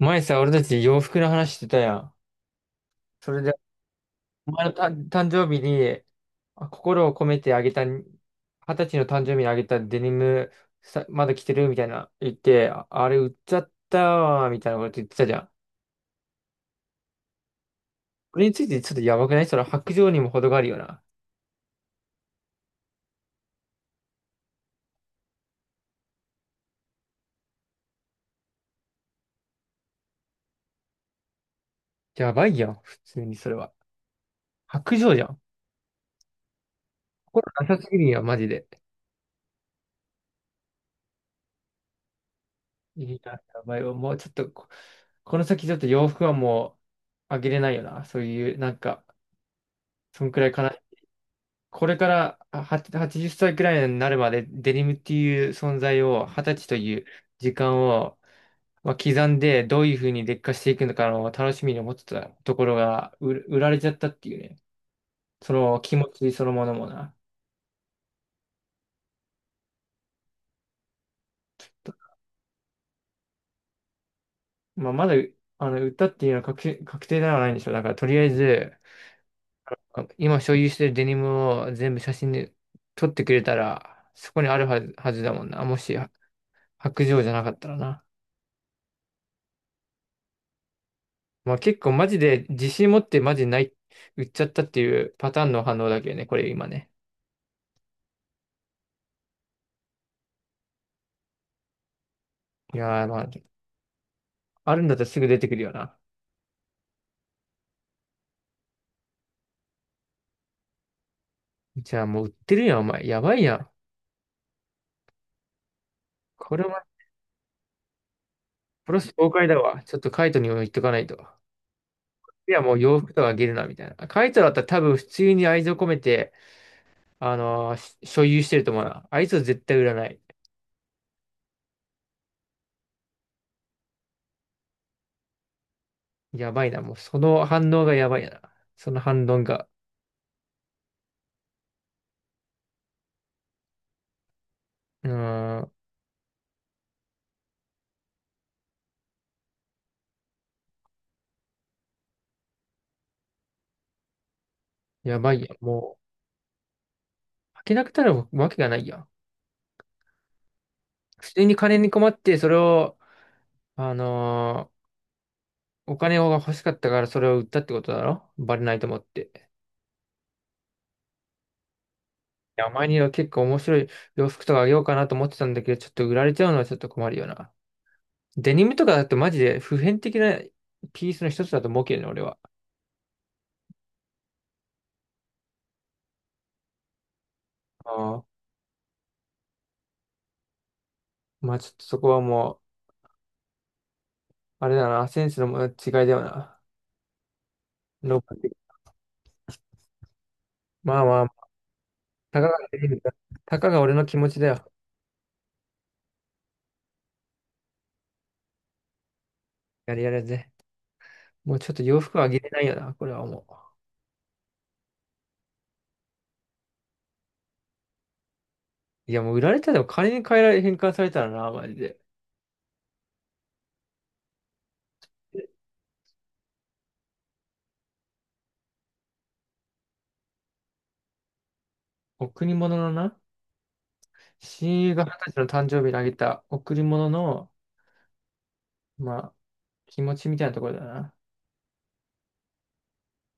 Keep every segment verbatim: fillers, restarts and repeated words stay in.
前さ、俺たち洋服の話してたやん。それで、お前のた誕生日に、あ心を込めてあげた、二十歳の誕生日にあげたデニム、さ、まだ着てるみたいな言って、あ、あれ売っちゃったわ、みたいなこと言ってたじゃん。これについてちょっとやばくない？それ白状にも程があるよな。やばいやん、普通にそれは。白状じゃん。心なさすぎるやん、マジで。いいな、やばいわ。もうちょっとこ、この先ちょっと洋服はもうあげれないよな。そういう、なんか、そんくらい悲しい。これからあははちじゅっさいくらいになるまでデニムっていう存在を、はたちという時間を、まあ、刻んで、どういうふうに劣化していくのかの楽しみに思ってたところが、売売られちゃったっていうね。その気持ちそのものもな。とまあ、まだ、あの、売ったっていうのは確定、確定ではないんでしょう。だから、とりあえず、あ今所有してるデニムを全部写真で撮ってくれたら、そこにあるはず、はずだもんな。もし、白状じゃなかったらな。まあ結構マジで自信持ってマジない、売っちゃったっていうパターンの反応だけどね、これ今ね。いやーまあ、あるんだったらすぐ出てくるよな。じゃあもう売ってるやん、お前。やばいやん。これは、プロス崩壊だわ。ちょっとカイトにも言っとかないと。いや、もう洋服とかあげるな、みたいな。カイトだったら多分普通に愛情込めて、あのーし所有してると思うな。あいつは絶対売らない。やばいな、もうその反応がやばいな。その反論が。うーん、やばいやん。もう、履けなくなるわけがないやん。普通に金に困って、それを、あのーお金が欲しかったからそれを売ったってことだろ、バレないと思って。いや、前には結構面白い洋服とかあげようかなと思ってたんだけど、ちょっと売られちゃうのはちょっと困るよな。デニムとかだとマジで普遍的なピースの一つだと思うけどね、俺は。ああ。まあちょっとそこはもう、あれだな、センスの違いだよな。ロープまあまあ、たかが、たかが俺の気持ちだよ。やれやれぜ。もうちょっと洋服はあげれないよな、これはもう。いや、もう売られたでも金に変えられ、変換されたらな、マジで。贈り物のな、親友が二十歳の誕生日にあげた贈り物の、まあ、気持ちみたいなところだな。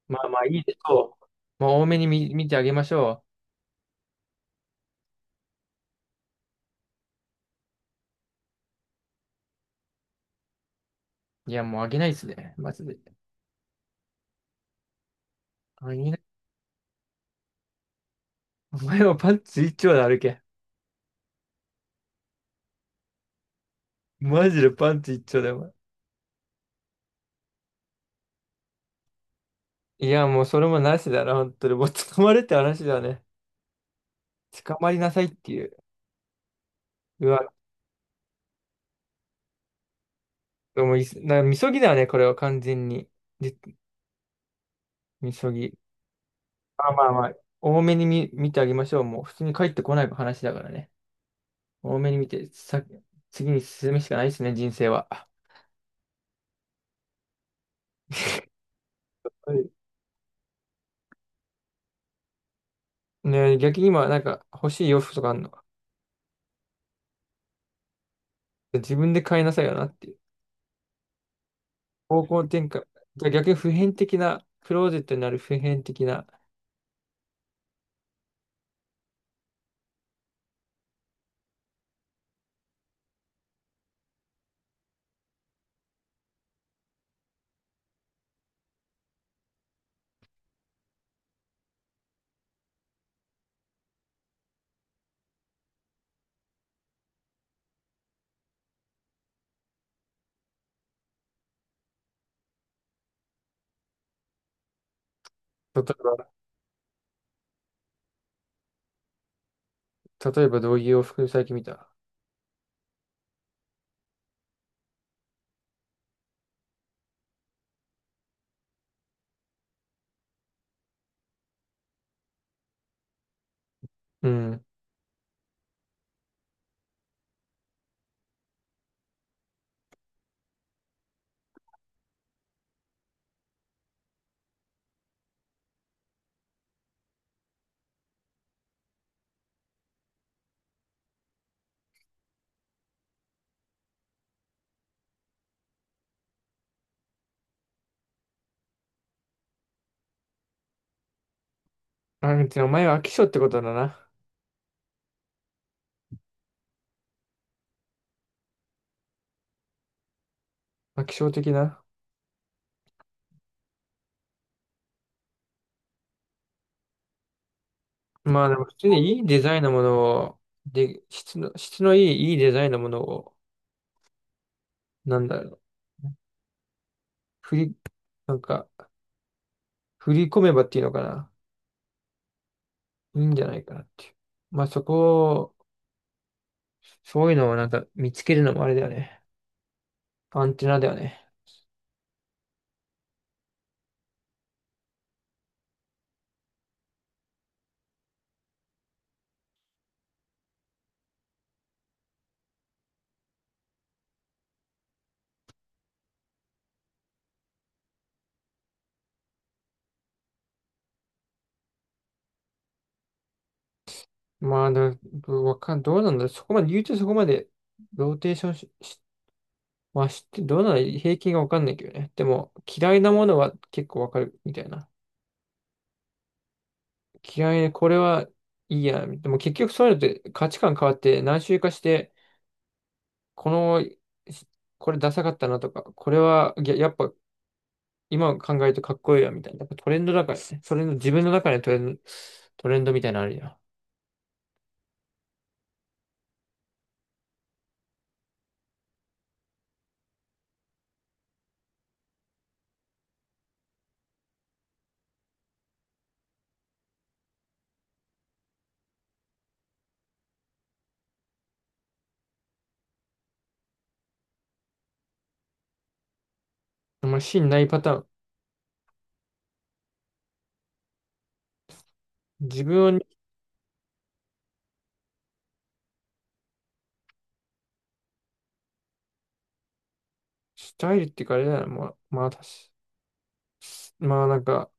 まあまあ、いいでしょう。もう多めに見、見てあげましょう。いや、もうあげないっすね、マジで。あげない。お前はパンツ一丁で歩け。マジでパンツ一丁だよ、お前。いや、もうそれもなしだな、本当に。もう捕まれって話だよね。捕まりなさいっていう。うわ、もういす、な、みそぎだよね、これは完全に。で、みそぎ。まあまあまあ、多めに見、見てあげましょう。もう普通に帰ってこない話だからね。多めに見て、さ、次に進むしかないですね、人生は。はい。ねえ、逆に今、なんか欲しい洋服とかあるの？自分で買いなさいよなっていう。方向転換。じゃあ逆に普遍的な、クローゼットになる普遍的な、例えば、例えばどういう洋服最近見た？うん。あ、でもお前は飽き性ってことだな。飽き性的な。まあでも普通にいいデザインのものを、で、質の、質のいい、いいデザインのものを、なんだろう。振り、なんか、振り込めばっていうのかな。いいんじゃないかなっていう。まあそこを、そういうのをなんか見つけるのもあれだよね。アンテナだよね。まあ、だわかん、どうなんだろう。そこまで、言うとそこまで、ローテーションし、し、まあ知って、どうなの、平均がわかんないけどね。でも、嫌いなものは結構わかるみたいな。嫌いな、これはいいや。でも結局そういうのって価値観変わって何周かして、この、これダサかったなとか、これは、いややっぱ今考えるとかっこいいよみたいな。やっぱトレンドだからね。それの自分の中でトレンド、トレンドみたいなのあるよん。あんまり芯ないパターン。自分をスタイルっていうかあれだな。まあ、まあ、確かまあなんか、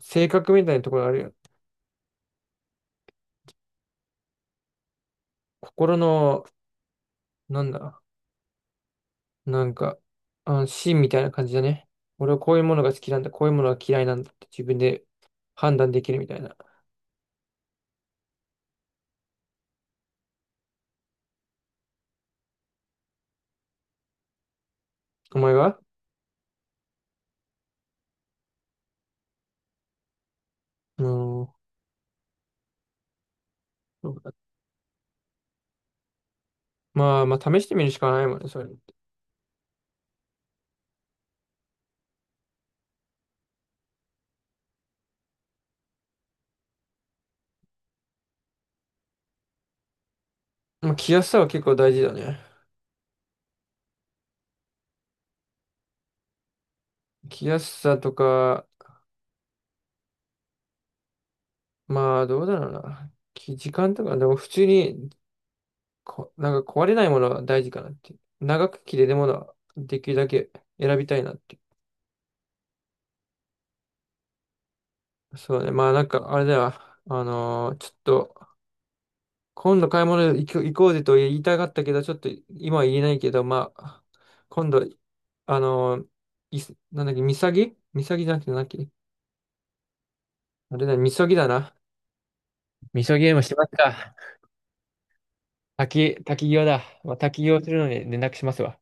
性格みたいなところあるよ。心の、なんだ、なんか、あ、芯みたいな感じだね。俺はこういうものが好きなんだ、こういうものが嫌いなんだって自分で判断できるみたいな。お前は。うん。そうだ。まあまあ試してみるしかないもんね、それ。まあ、着やすさは結構大事だね。着やすさとか、まあ、どうだろうな。き時間とか、でも普通にこ、なんか壊れないものは大事かなっていう。長く着れるものはできるだけ選びたいなっていう。そうね。まあ、なんか、あれだよ。あのーちょっと、今度買い物行こ行こうぜと言いたかったけど、ちょっと今は言えないけど、まあ、今度、あのーいすなんだっけ、みさぎみさぎじゃなくて、なんだっけ、あれだね、みそぎだな。みそぎでもしますか。滝、滝行だ。まあ、滝行するのに連絡しますわ。